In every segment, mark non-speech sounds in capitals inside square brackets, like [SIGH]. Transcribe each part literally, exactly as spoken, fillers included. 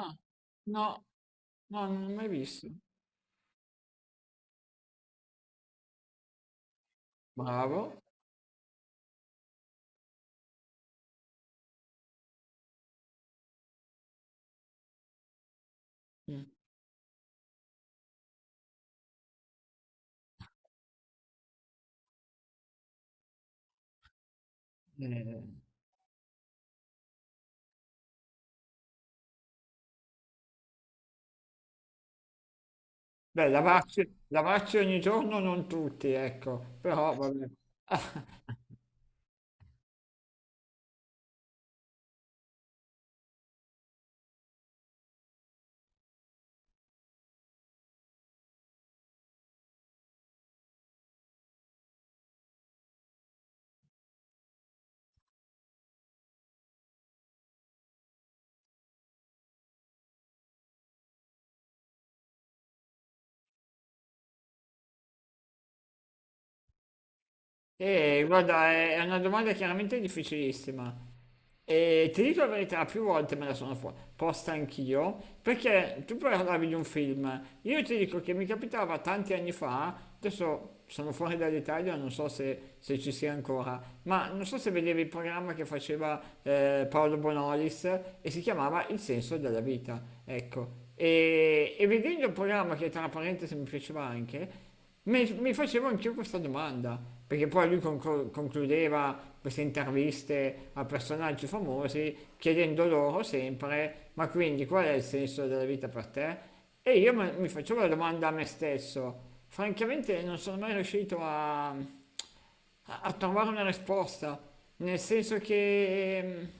Ah, no, no, non l'ho mai visto. Bravo. Mm, eh, beh, lavarsi, lavarsi ogni giorno non tutti, ecco, però vabbè. [LAUGHS] E guarda, è è una domanda chiaramente difficilissima. E ti dico la verità, più volte me la sono fo- posta anch'io, perché tu parlavi di un film, io ti dico che mi capitava tanti anni fa, adesso sono fuori dall'Italia, non so se, se ci sia ancora, ma non so se vedevi il programma che faceva eh, Paolo Bonolis e si chiamava Il senso della vita, ecco. E, e vedendo il programma che tra parentesi mi piaceva anche, mi, mi facevo anch'io questa domanda, perché poi lui conclu- concludeva queste interviste a personaggi famosi chiedendo loro sempre, ma quindi qual è il senso della vita per te? E io me- mi facevo la domanda a me stesso, francamente non sono mai riuscito a, a- a trovare una risposta, nel senso che... ehm,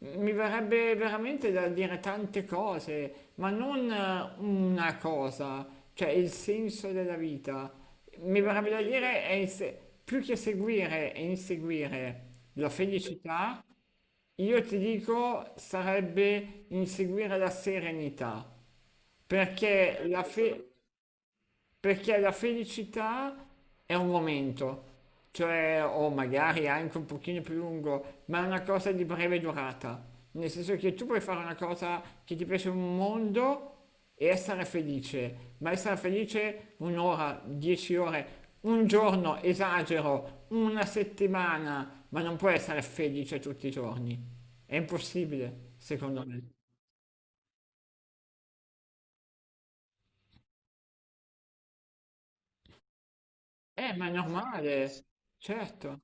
mi verrebbe veramente da dire tante cose, ma non eh, una cosa, cioè il senso della vita. Mi verrebbe da dire è inse- più che seguire e inseguire la felicità, io ti dico sarebbe inseguire la serenità, perché la fe perché la felicità è un momento, cioè o magari anche un pochino più lungo, ma è una cosa di breve durata, nel senso che tu puoi fare una cosa che ti piace un mondo e essere felice, ma essere felice un'ora, dieci ore, un giorno, esagero, una settimana, ma non puoi essere felice tutti i giorni. È impossibile, secondo me. Eh, ma è normale, certo,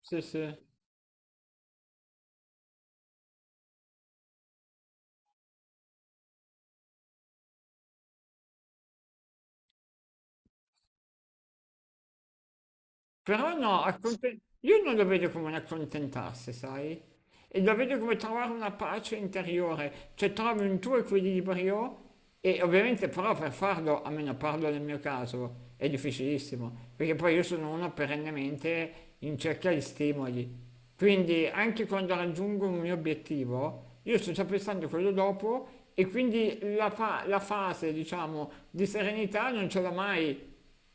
sì, sì. Però no, acconte- io non lo vedo come un accontentarsi, sai? E lo vedo come trovare una pace interiore, cioè trovi un tuo equilibrio e ovviamente però per farlo, almeno parlo nel mio caso, è difficilissimo, perché poi io sono uno perennemente in cerca di stimoli. Quindi anche quando raggiungo un mio obiettivo, io sto già pensando a quello dopo e quindi la, fa- la fase, diciamo, di serenità non ce l'ho mai.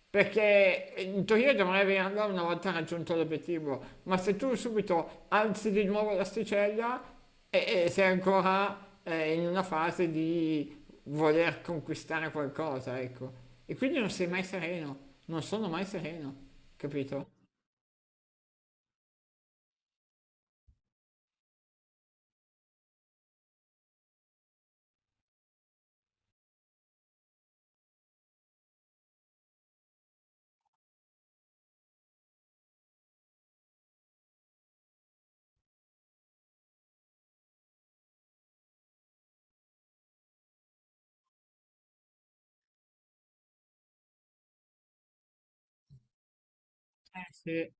Perché eh, in teoria dovrei averla una volta raggiunto l'obiettivo, ma se tu subito alzi di nuovo l'asticella e, e sei ancora eh, in una fase di voler conquistare qualcosa, ecco. E quindi non sei mai sereno, non sono mai sereno, capito? Sì.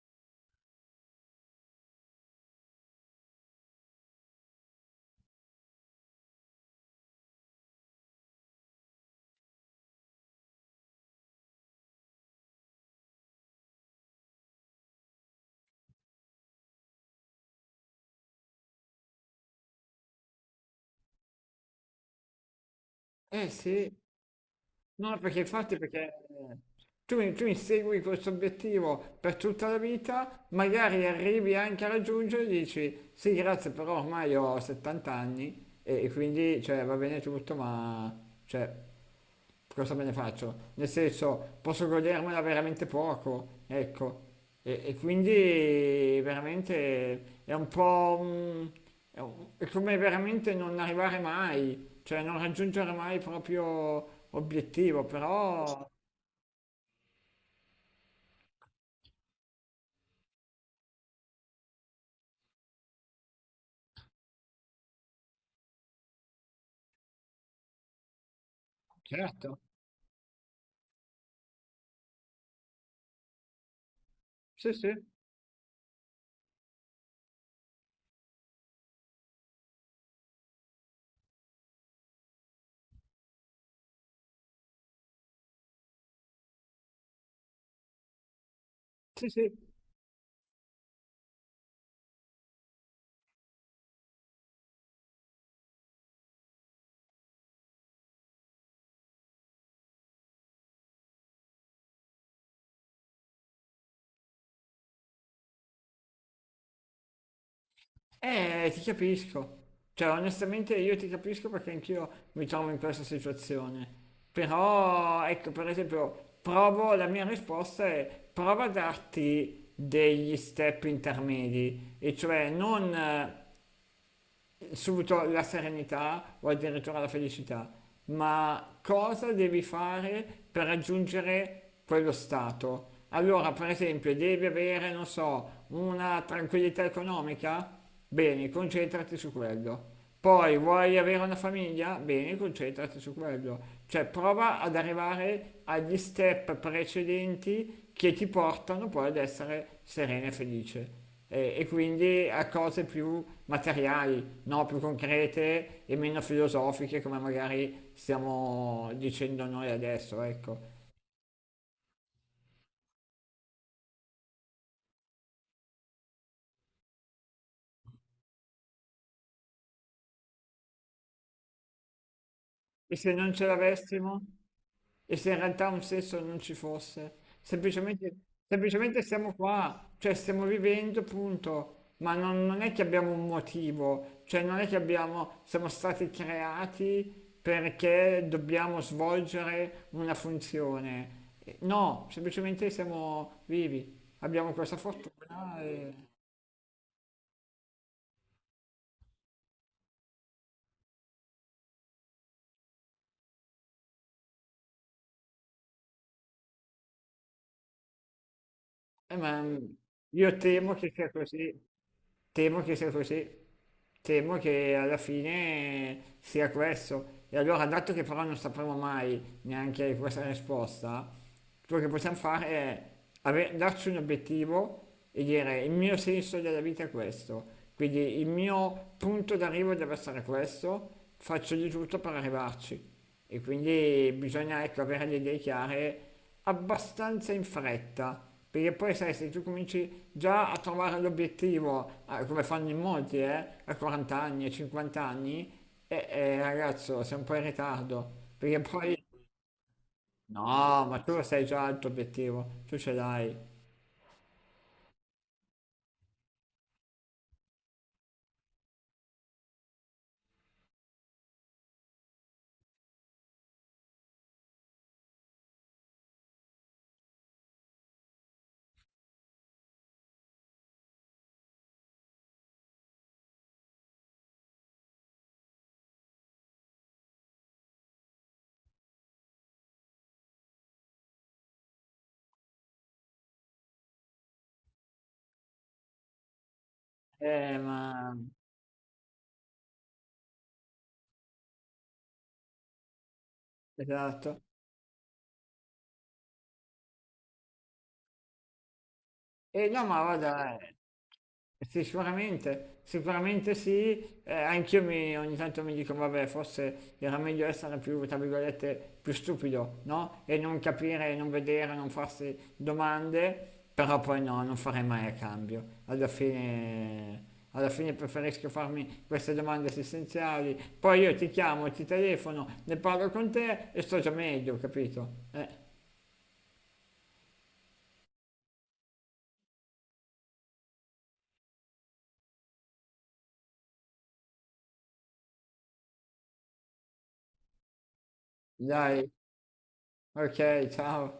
Eh sì, no, perché infatti perché... eh, Tu, mi, tu insegui questo obiettivo per tutta la vita, magari arrivi anche a raggiungerlo e dici sì, grazie, però ormai ho settanta anni e, e quindi cioè, va bene tutto, ma cioè, cosa me ne faccio? Nel senso, posso godermela veramente poco, ecco. E, e quindi veramente è un po'... un- è un- è come veramente non arrivare mai, cioè non raggiungere mai il proprio obiettivo, però... Certo, sì, sì. Sì, sì, eh, ti capisco. Cioè, onestamente io ti capisco perché anch'io mi trovo in questa situazione. Però, ecco, per esempio, provo, la mia risposta è prova a darti degli step intermedi, e cioè non eh, subito la serenità o addirittura la felicità, ma cosa devi fare per raggiungere quello stato? Allora, per esempio, devi avere, non so, una tranquillità economica? Bene, concentrati su quello. Poi vuoi avere una famiglia? Bene, concentrati su quello. Cioè, prova ad arrivare agli step precedenti che ti portano poi ad essere serena e felice e, e quindi a cose più materiali, no? Più concrete e meno filosofiche come magari stiamo dicendo noi adesso, ecco. E se non ce l'avessimo? E se in realtà un senso non ci fosse? Semplicemente, semplicemente siamo qua, cioè stiamo vivendo, punto. Ma non, non è che abbiamo un motivo, cioè non è che abbiamo, siamo stati creati perché dobbiamo svolgere una funzione. Eh, No, semplicemente siamo vivi, abbiamo questa fortuna e, eh, ma io temo che sia così. Temo che sia così, temo che alla fine sia questo. E allora, dato che però non sapremo mai neanche questa risposta, quello che possiamo fare è ave- darci un obiettivo e dire il mio senso della vita è questo, quindi il mio punto d'arrivo deve essere questo, faccio di tutto per arrivarci. E quindi bisogna ecco, avere le idee chiare abbastanza in fretta, perché poi sai, se tu cominci già a trovare l'obiettivo, ah, come fanno in molti, eh, a quaranta anni, a cinquanta anni, eh, eh, ragazzo, sei un po' in ritardo, perché poi... No, ma tu sai già il tuo obiettivo, tu ce l'hai. Eh, ma... Esatto. E no, ma guarda, sì, sicuramente, sicuramente sì, eh, anch'io mi- ogni tanto mi dico, vabbè, forse era meglio essere più, tra virgolette, più stupido, no? E non capire, non vedere, non farsi domande, però poi no, non farei mai a cambio. Alla fine, alla fine preferisco farmi queste domande esistenziali, poi io ti chiamo, ti telefono, ne parlo con te e sto già meglio, capito? Eh, dai, ok, ciao.